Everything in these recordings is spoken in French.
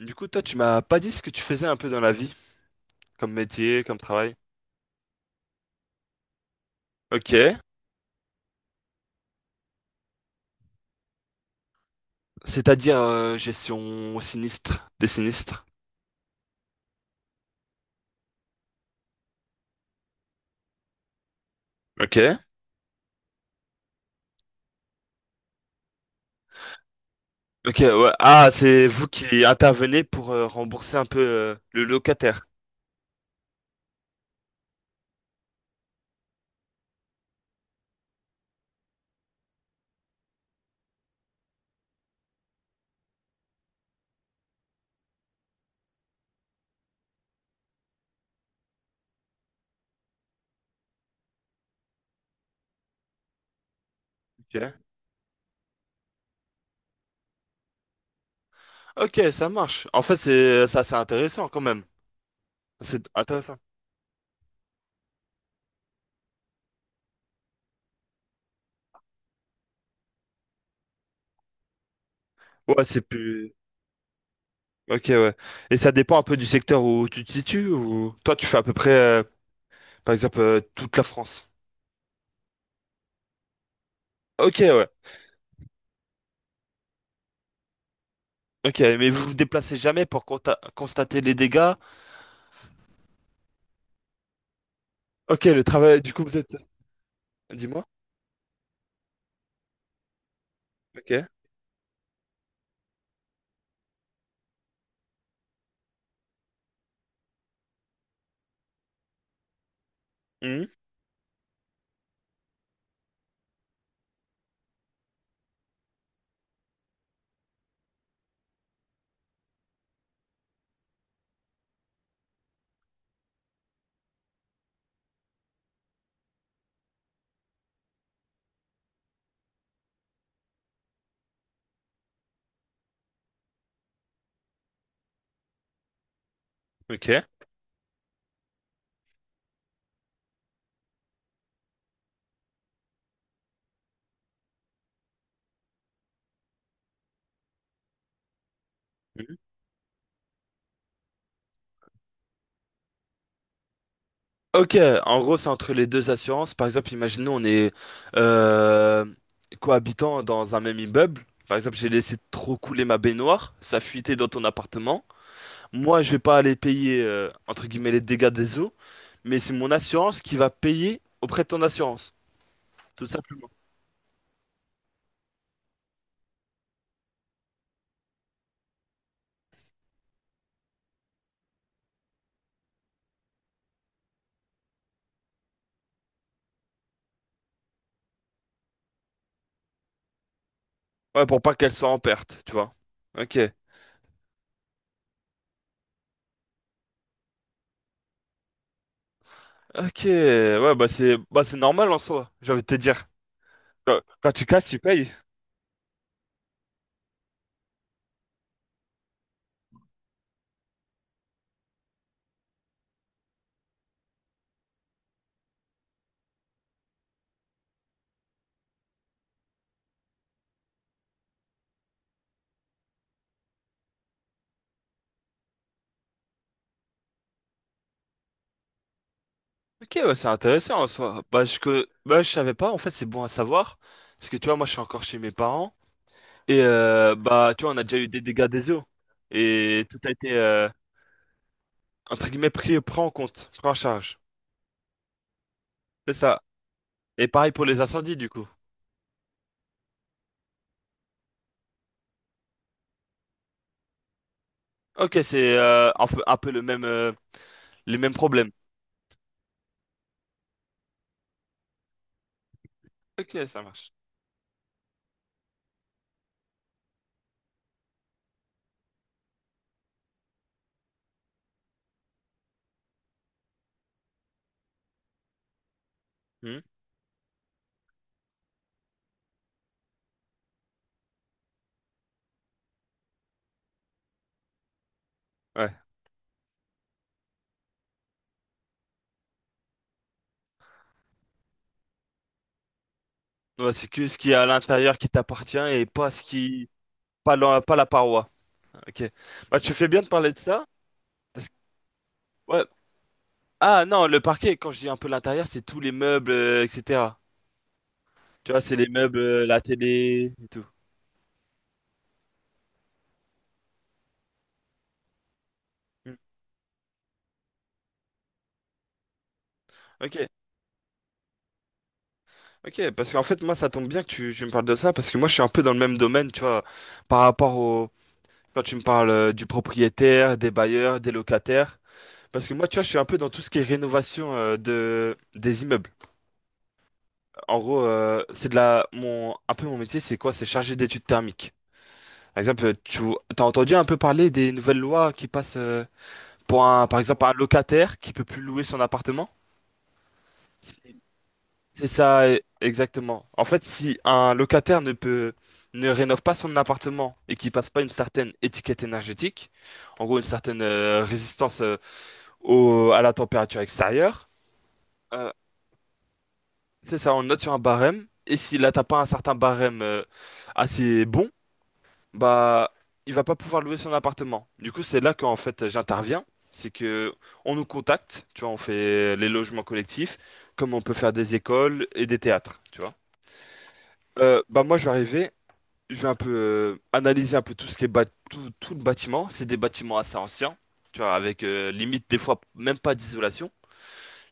Du coup, toi, tu m'as pas dit ce que tu faisais un peu dans la vie, comme métier, comme travail. Ok. C'est-à-dire gestion sinistre, des sinistres. Ok. Ok, ouais. Ah, c'est vous qui intervenez pour rembourser un peu le locataire. Ok. Ok, ça marche. En fait, c'est ça, c'est intéressant quand même. C'est intéressant. Ouais, c'est plus. Ok, ouais. Et ça dépend un peu du secteur où tu te situes ou toi, tu fais à peu près, par exemple, toute la France. Ok, ouais. Ok, mais vous vous déplacez jamais pour constater les dégâts. Ok, le travail, du coup, vous êtes... Dis-moi. Ok. Mhm. Ok. Mhm. Ok, en gros, c'est entre les deux assurances. Par exemple, imaginons, on est euh, cohabitant dans un même immeuble. Par exemple, j'ai laissé trop couler ma baignoire, ça fuitait dans ton appartement. Moi, je vais pas aller payer, entre guillemets, les dégâts des eaux, mais c'est mon assurance qui va payer auprès de ton assurance, tout simplement. Ouais, pour pas qu'elle soit en perte, tu vois. Ok. Ok, ouais, bah c'est normal en soi, j'ai envie de te dire. Quand tu casses, tu payes. Ok, ouais, c'est intéressant en soi. Bah, je savais pas, en fait, c'est bon à savoir. Parce que tu vois, moi, je suis encore chez mes parents. Et bah, tu vois, on a déjà eu des dégâts des eaux. Et tout a été, entre guillemets, pris en compte, pris en charge. C'est ça. Et pareil pour les incendies, du coup. Ok, c'est un peu le même, les mêmes problèmes. Ok, ça marche. Hmm. Ouais. Ouais, c'est que ce qui est à l'intérieur qui t'appartient et pas ce qui. Pas la, pas la paroi. Ok. Bah, tu fais bien de parler de ça. Parce que ouais. Ah non, le parquet, quand je dis un peu l'intérieur, c'est tous les meubles, etc. Tu vois, c'est les meubles, la télé et tout. Mm. Ok, ok, parce qu'en fait, moi, ça tombe bien que tu me parles de ça, parce que moi, je suis un peu dans le même domaine, tu vois, par rapport au... Quand tu me parles du propriétaire, des bailleurs, des locataires, parce que moi, tu vois, je suis un peu dans tout ce qui est rénovation des immeubles. En gros, c'est de la... Mon, un peu mon métier, c'est quoi? C'est chargé d'études thermiques. Par exemple, tu as entendu un peu parler des nouvelles lois qui passent... Pour un, par exemple, un locataire qui peut plus louer son appartement? C'est c'est ça, exactement. En fait, si un locataire ne rénove pas son appartement et qu'il passe pas une certaine étiquette énergétique, en gros une certaine résistance au, à la température extérieure, euh, c'est ça, on le note sur un barème. Et s'il n'atteint pas un certain barème assez bon, bah il va pas pouvoir louer son appartement. Du coup, c'est là qu'en fait j'interviens, c'est que on nous contacte, tu vois, on fait les logements collectifs, comme on peut faire des écoles et des théâtres, tu vois. Bah moi je vais arriver, je vais un peu analyser un peu tout ce qui est tout le bâtiment. C'est des bâtiments assez anciens, tu vois, avec limite des fois même pas d'isolation.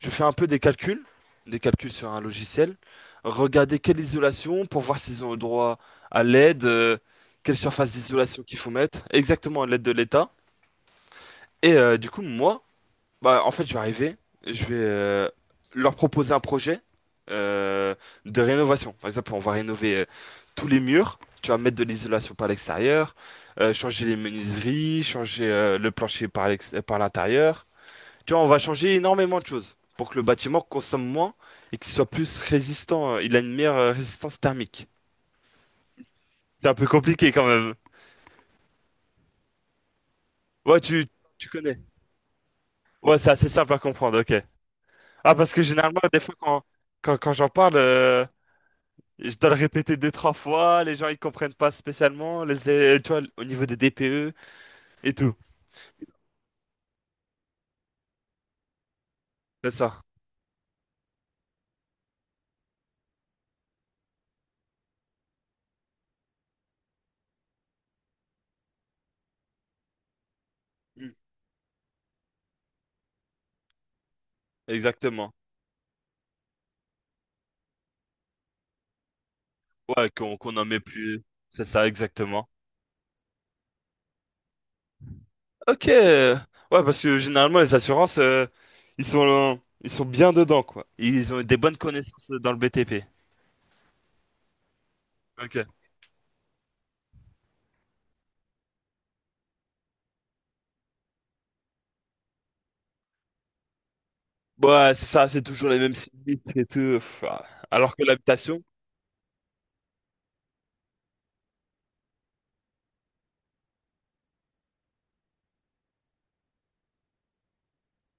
Je fais un peu des calculs sur un logiciel, regarder quelle isolation pour voir s'ils ont le droit à l'aide, quelle surface d'isolation qu'il faut mettre, exactement à l'aide de l'État. Et du coup, moi, bah, en fait, je vais arriver, je vais leur proposer un projet euh, de rénovation. Par exemple, on va rénover tous les murs, tu vas mettre de l'isolation par l'extérieur, changer les menuiseries, changer le plancher par par l'intérieur. Tu vois, on va changer énormément de choses pour que le bâtiment consomme moins et qu'il soit plus résistant. Il a une meilleure résistance thermique. C'est un peu compliqué quand même. Ouais, tu, Tu connais. Ouais, c'est assez simple à comprendre, ok. Ah, parce que généralement, des fois, quand j'en parle, je dois le répéter deux, trois fois. Les gens, ils comprennent pas spécialement. Tu vois, au niveau des DPE et tout. C'est ça. Mm. Exactement. Ouais, qu'on en met plus. C'est ça, exactement. Ok. Ouais, parce que généralement, les assurances, ils sont bien dedans, quoi. Ils ont des bonnes connaissances dans le BTP. Ok. Bon, ouais, c'est ça, c'est toujours les mêmes sinistres et tout. Pff, ah. Alors que l'habitation,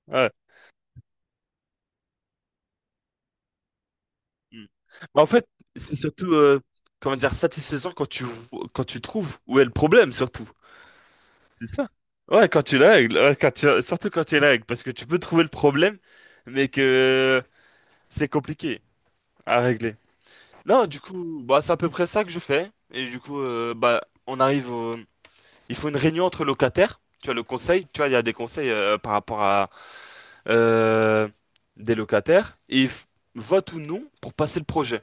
ouais. Hmm. Mais en fait, c'est surtout, comment dire, satisfaisant quand quand tu trouves où est le problème, surtout. C'est ça. Ouais, quand tu la règles, ouais, quand tu, surtout quand tu la règles, parce que tu peux trouver le problème, mais que c'est compliqué à régler. Non, du coup, bah, c'est à peu près ça que je fais. Et du coup, bah, on arrive au- Il faut une réunion entre locataires. Tu vois, le conseil, tu vois, il y a des conseils par rapport à euh, des locataires. Votent ou non pour passer le projet.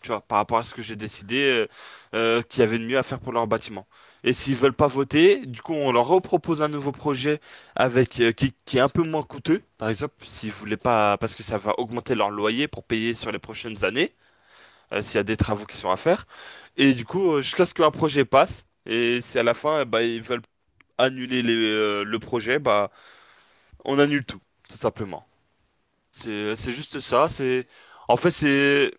Tu vois, par rapport à ce que j'ai décidé qu'il y avait de mieux à faire pour leur bâtiment. Et s'ils veulent pas voter, du coup, on leur repropose un nouveau projet avec qui est un peu moins coûteux. Par exemple, s'ils voulaient pas... Parce que ça va augmenter leur loyer pour payer sur les prochaines années s'il y a des travaux qui sont à faire. Et du coup, jusqu'à ce qu'un projet passe, et si à la fin, bah, ils veulent le projet, bah, on annule tout, tout simplement. C'est juste ça. C'est, en fait, c'est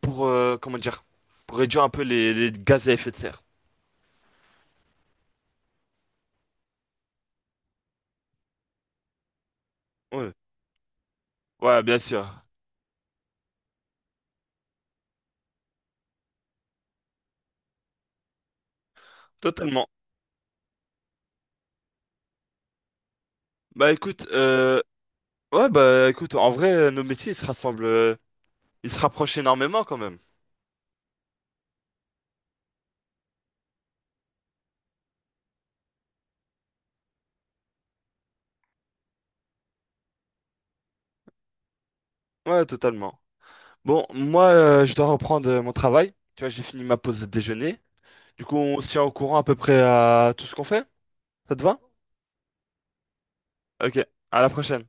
pour, comment dire, pour réduire un peu les gaz à effet de serre. Ouais, ouais, bien sûr, totalement. Bah écoute, ouais, bah écoute, en vrai, nos métiers, ils se rapprochent énormément quand même. Ouais, totalement. Bon, moi, je dois reprendre mon travail. Tu vois, j'ai fini ma pause déjeuner. Du coup, on se tient au courant à peu près à tout ce qu'on fait. Ça te va? Ok, à la prochaine.